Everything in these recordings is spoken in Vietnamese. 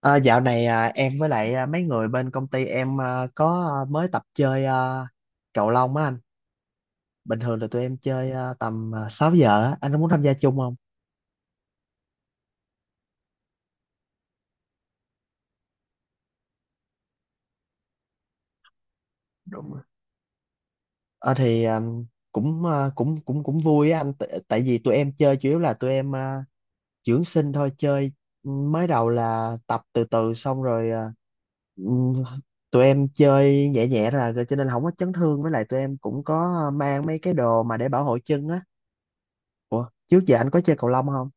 À, dạo này, em với lại, mấy người bên công ty em, có, mới tập chơi, cầu lông á anh. Bình thường là tụi em chơi, tầm 6 giờ á. Anh có muốn tham gia chung không? Đúng rồi. Ờ thì, cũng, cũng vui á anh. Tại vì tụi em chơi chủ yếu là tụi em, dưỡng sinh thôi. Chơi mới đầu là tập từ từ xong rồi ừm, tụi em chơi nhẹ nhẹ là rồi cho nên không có chấn thương. Với lại tụi em cũng có mang mấy cái đồ mà để bảo hộ chân á. Ủa, trước giờ anh có chơi cầu lông không?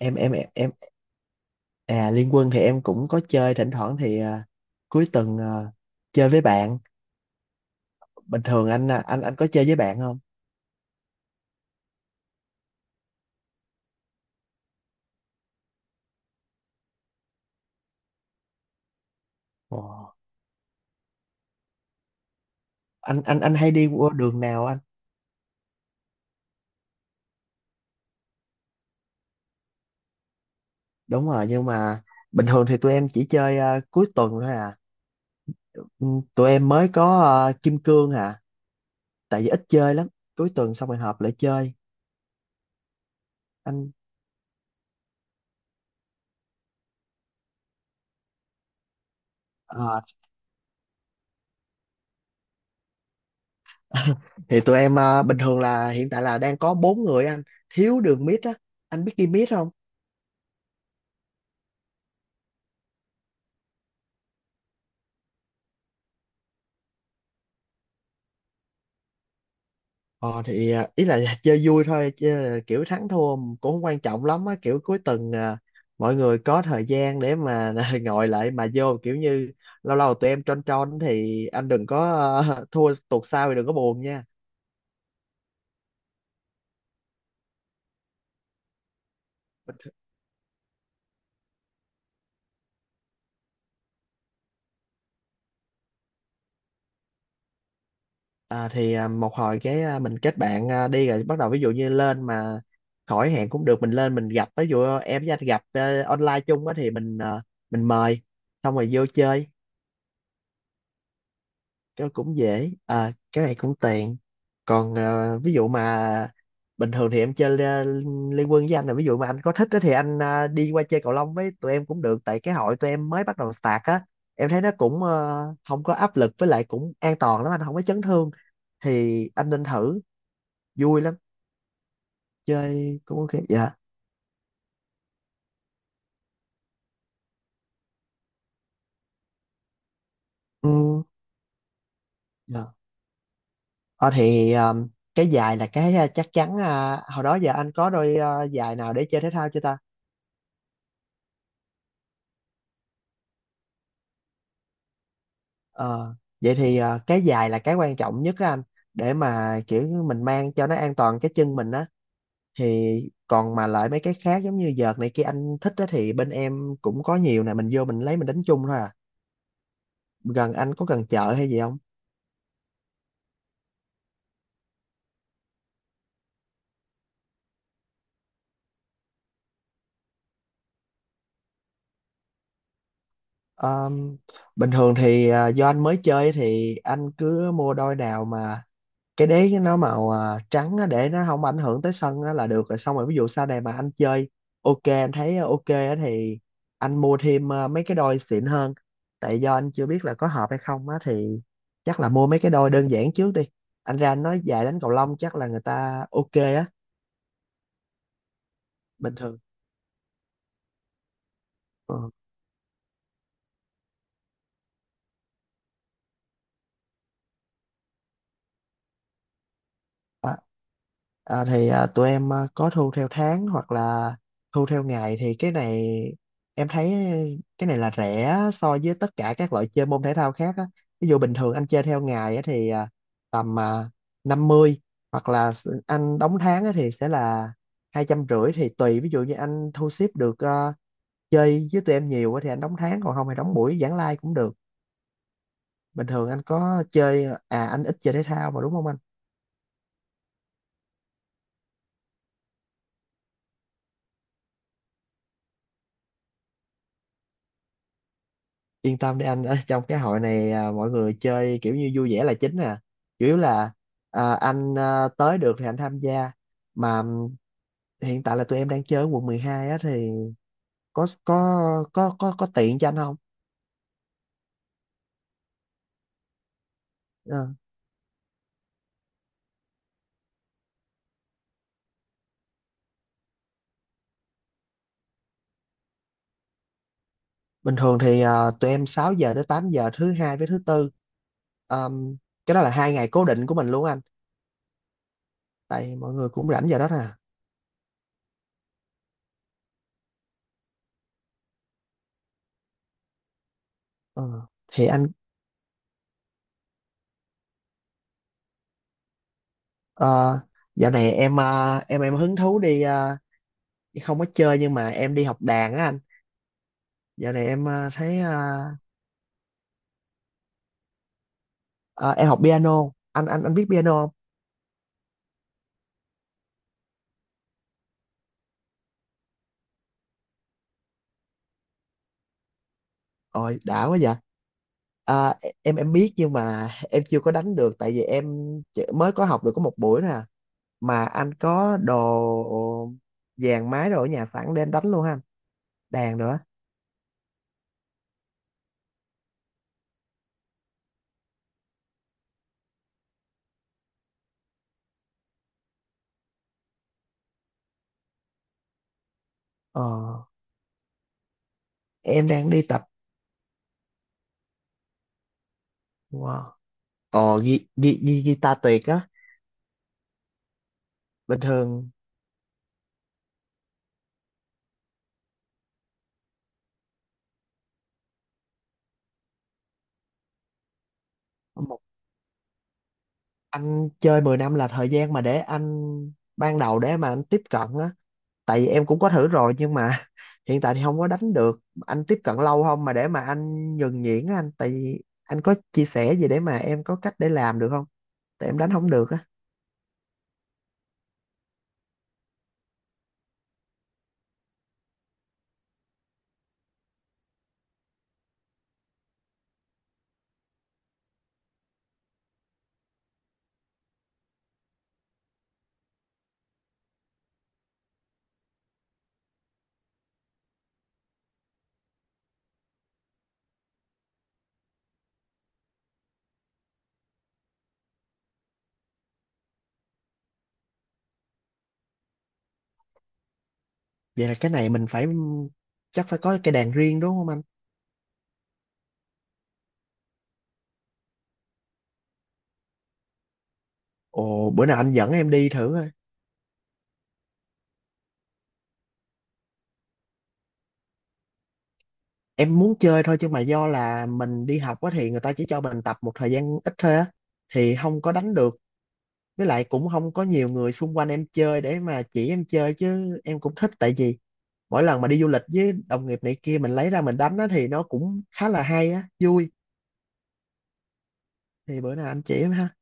em em em em- Liên Quân thì em cũng có chơi thỉnh thoảng thì cuối tuần, chơi với bạn. Bình thường anh à, anh anh có chơi với bạn không? Ồ, anh hay đi qua đường nào anh? Đúng rồi, nhưng mà bình thường thì tụi em chỉ chơi, cuối tuần thôi à. Ừ, tụi em mới có Kim Cương à, tại vì ít chơi lắm, cuối tuần xong rồi họp lại chơi anh. ờ, thì tụi em, bình thường là hiện tại là đang có bốn người anh, thiếu đường mid á, anh biết đi mid không? Ờ thì, ý là chơi vui thôi chứ là kiểu thắng thua cũng không quan trọng lắm á, kiểu cuối tuần, mọi người có thời gian để mà ngồi lại mà vô kiểu như lâu lâu tụi em tron tron thì anh đừng có, thua tuột sau thì đừng có buồn nha. Thì một hồi cái, mình kết bạn, đi rồi bắt đầu, ví dụ như lên mà khỏi hẹn cũng được, mình lên mình gặp, ví dụ em với anh gặp online chung á, thì mình mời xong rồi vô chơi, cái cũng dễ à, cái này cũng tiện. Còn, ví dụ mà bình thường thì em chơi liên quân với anh, là ví dụ mà anh có thích á thì anh đi qua chơi cầu lông với tụi em cũng được, tại cái hội tụi em mới bắt đầu start á. Em thấy nó cũng không có áp lực, với lại cũng an toàn lắm, anh không có chấn thương thì anh nên thử, vui lắm, chơi cũng ok. Dạ. Ừ. Dạ. Ờ, thì cái giày là cái, chắc chắn, hồi đó giờ anh có đôi giày nào để chơi thể thao chưa ta? Ờ, vậy thì, ờ, cái giày là cái quan trọng nhất á anh, để mà kiểu như mình mang cho nó an toàn cái chân mình á, thì còn mà lại mấy cái khác giống như vợt này kia, anh thích á thì bên em cũng có nhiều nè, mình vô mình lấy mình đánh chung thôi à. Gần anh có gần chợ hay gì không? Ờ, bình thường thì, do anh mới chơi thì anh cứ mua đôi nào mà cái đế nó màu trắng á, để nó không ảnh hưởng tới sân á là được rồi, xong rồi ví dụ sau này mà anh chơi ok, anh thấy ok á thì anh mua thêm, mấy cái đôi xịn hơn, tại do anh chưa biết là có hợp hay không á thì chắc là mua mấy cái đôi đơn giản trước đi. Anh ra anh nói dài đánh cầu lông chắc là người ta ok á, bình thường. Ờ. À, à, thì tụi em có thu theo tháng hoặc là thu theo ngày, thì cái này em thấy cái này là rẻ so với tất cả các loại chơi môn thể thao khác á. Ví dụ bình thường anh chơi theo ngày á, thì tầm 50, hoặc là anh đóng tháng á, thì sẽ là 250, thì tùy, ví dụ như anh thu xếp được, chơi với tụi em nhiều á, thì anh đóng tháng, còn không thì đóng buổi giảng lai cũng được. Bình thường anh có chơi à, anh ít chơi thể thao mà đúng không anh? Yên tâm đi anh, ở trong cái hội này à, mọi người chơi kiểu như vui vẻ là chính à, chủ yếu là anh, tới được thì anh tham gia mà. Hiện tại là tụi em đang chơi ở quận 12 á, thì có có có tiện cho anh không? Ờ, bình thường thì tụi em 6 giờ tới 8 giờ thứ hai với thứ tư. Ờm, cái đó là 2 ngày cố định của mình luôn anh, tại mọi người cũng rảnh giờ đó nè. Ờ, thì anh ờ, dạo này em, em hứng thú đi, không có chơi nhưng mà em đi học đàn á anh. Dạo này em thấy ờ, em học piano, anh biết piano không? Ôi đã quá vậy. À, em biết nhưng mà em chưa có đánh được, tại vì em mới có học được có một buổi nè. Mà anh có đồ dàn máy rồi ở nhà sẵn để em đánh luôn ha anh, đàn nữa. ờ, em đang đi tập. Wow. ờ, ghi, ghi, ghi, guitar tuyệt á. Bình thường một. Anh chơi 10 năm là thời gian mà để anh ban đầu để mà anh tiếp cận á, tại vì em cũng có thử rồi nhưng mà hiện tại thì không có đánh được. Anh tiếp cận lâu không mà để mà anh nhuần nhuyễn á anh, tại vì anh có chia sẻ gì để mà em có cách để làm được không, tại em đánh không được á. Vậy là cái này mình phải, chắc phải có cái đàn riêng đúng không anh? Ồ bữa nào anh dẫn em đi thử coi. Em muốn chơi thôi chứ mà do là mình đi học á, thì người ta chỉ cho mình tập một thời gian ít thôi á thì không có đánh được. Với lại cũng không có nhiều người xung quanh em chơi để mà chỉ em chơi, chứ em cũng thích, tại vì mỗi lần mà đi du lịch với đồng nghiệp này kia mình lấy ra mình đánh á, thì nó cũng khá là hay á, vui. Thì bữa nào anh chỉ em ha.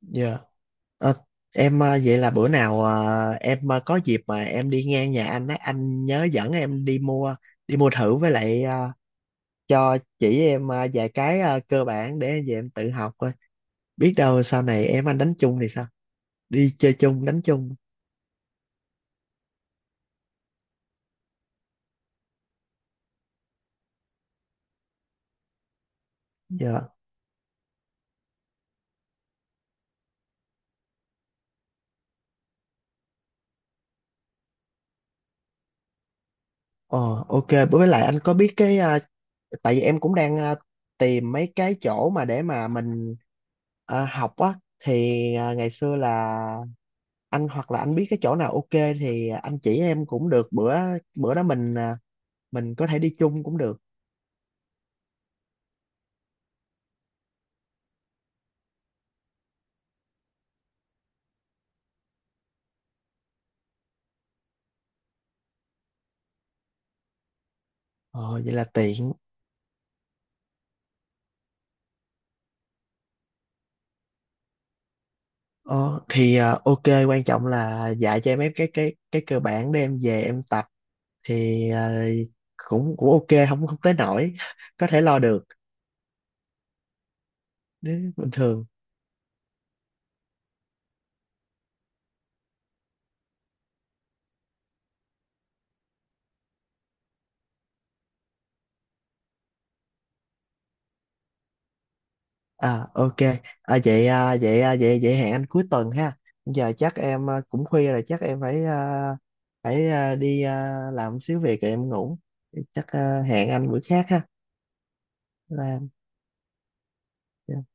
Dạ. Ờ, em, vậy là bữa nào, em có dịp mà em đi ngang nhà anh á, anh nhớ dẫn em đi mua, đi mua thử, với lại, cho chỉ em vài cái cơ bản để về em tự học coi, biết đâu sau này em anh đánh chung thì sao, đi chơi chung đánh chung. Dạ. Ờ ok, với lại anh có biết cái, tại vì em cũng đang tìm mấy cái chỗ mà để mà mình học á, thì ngày xưa là anh hoặc là anh biết cái chỗ nào ok thì anh chỉ em cũng được. Bữa bữa đó mình, mình có thể đi chung cũng được. Ờ, vậy là tiện. Thì ok, quan trọng là dạy cho em mấy cái cơ bản để em về em tập. Thì cũng cũng ok, không không tới nổi, có thể lo được. Nếu bình thường. À ok, à, vậy à, vậy à, vậy vậy hẹn anh cuối tuần ha. Giờ chắc em cũng khuya rồi, chắc em phải đi làm xíu việc rồi em ngủ. Chắc, hẹn anh bữa khác ha. Bye anh. Dạ.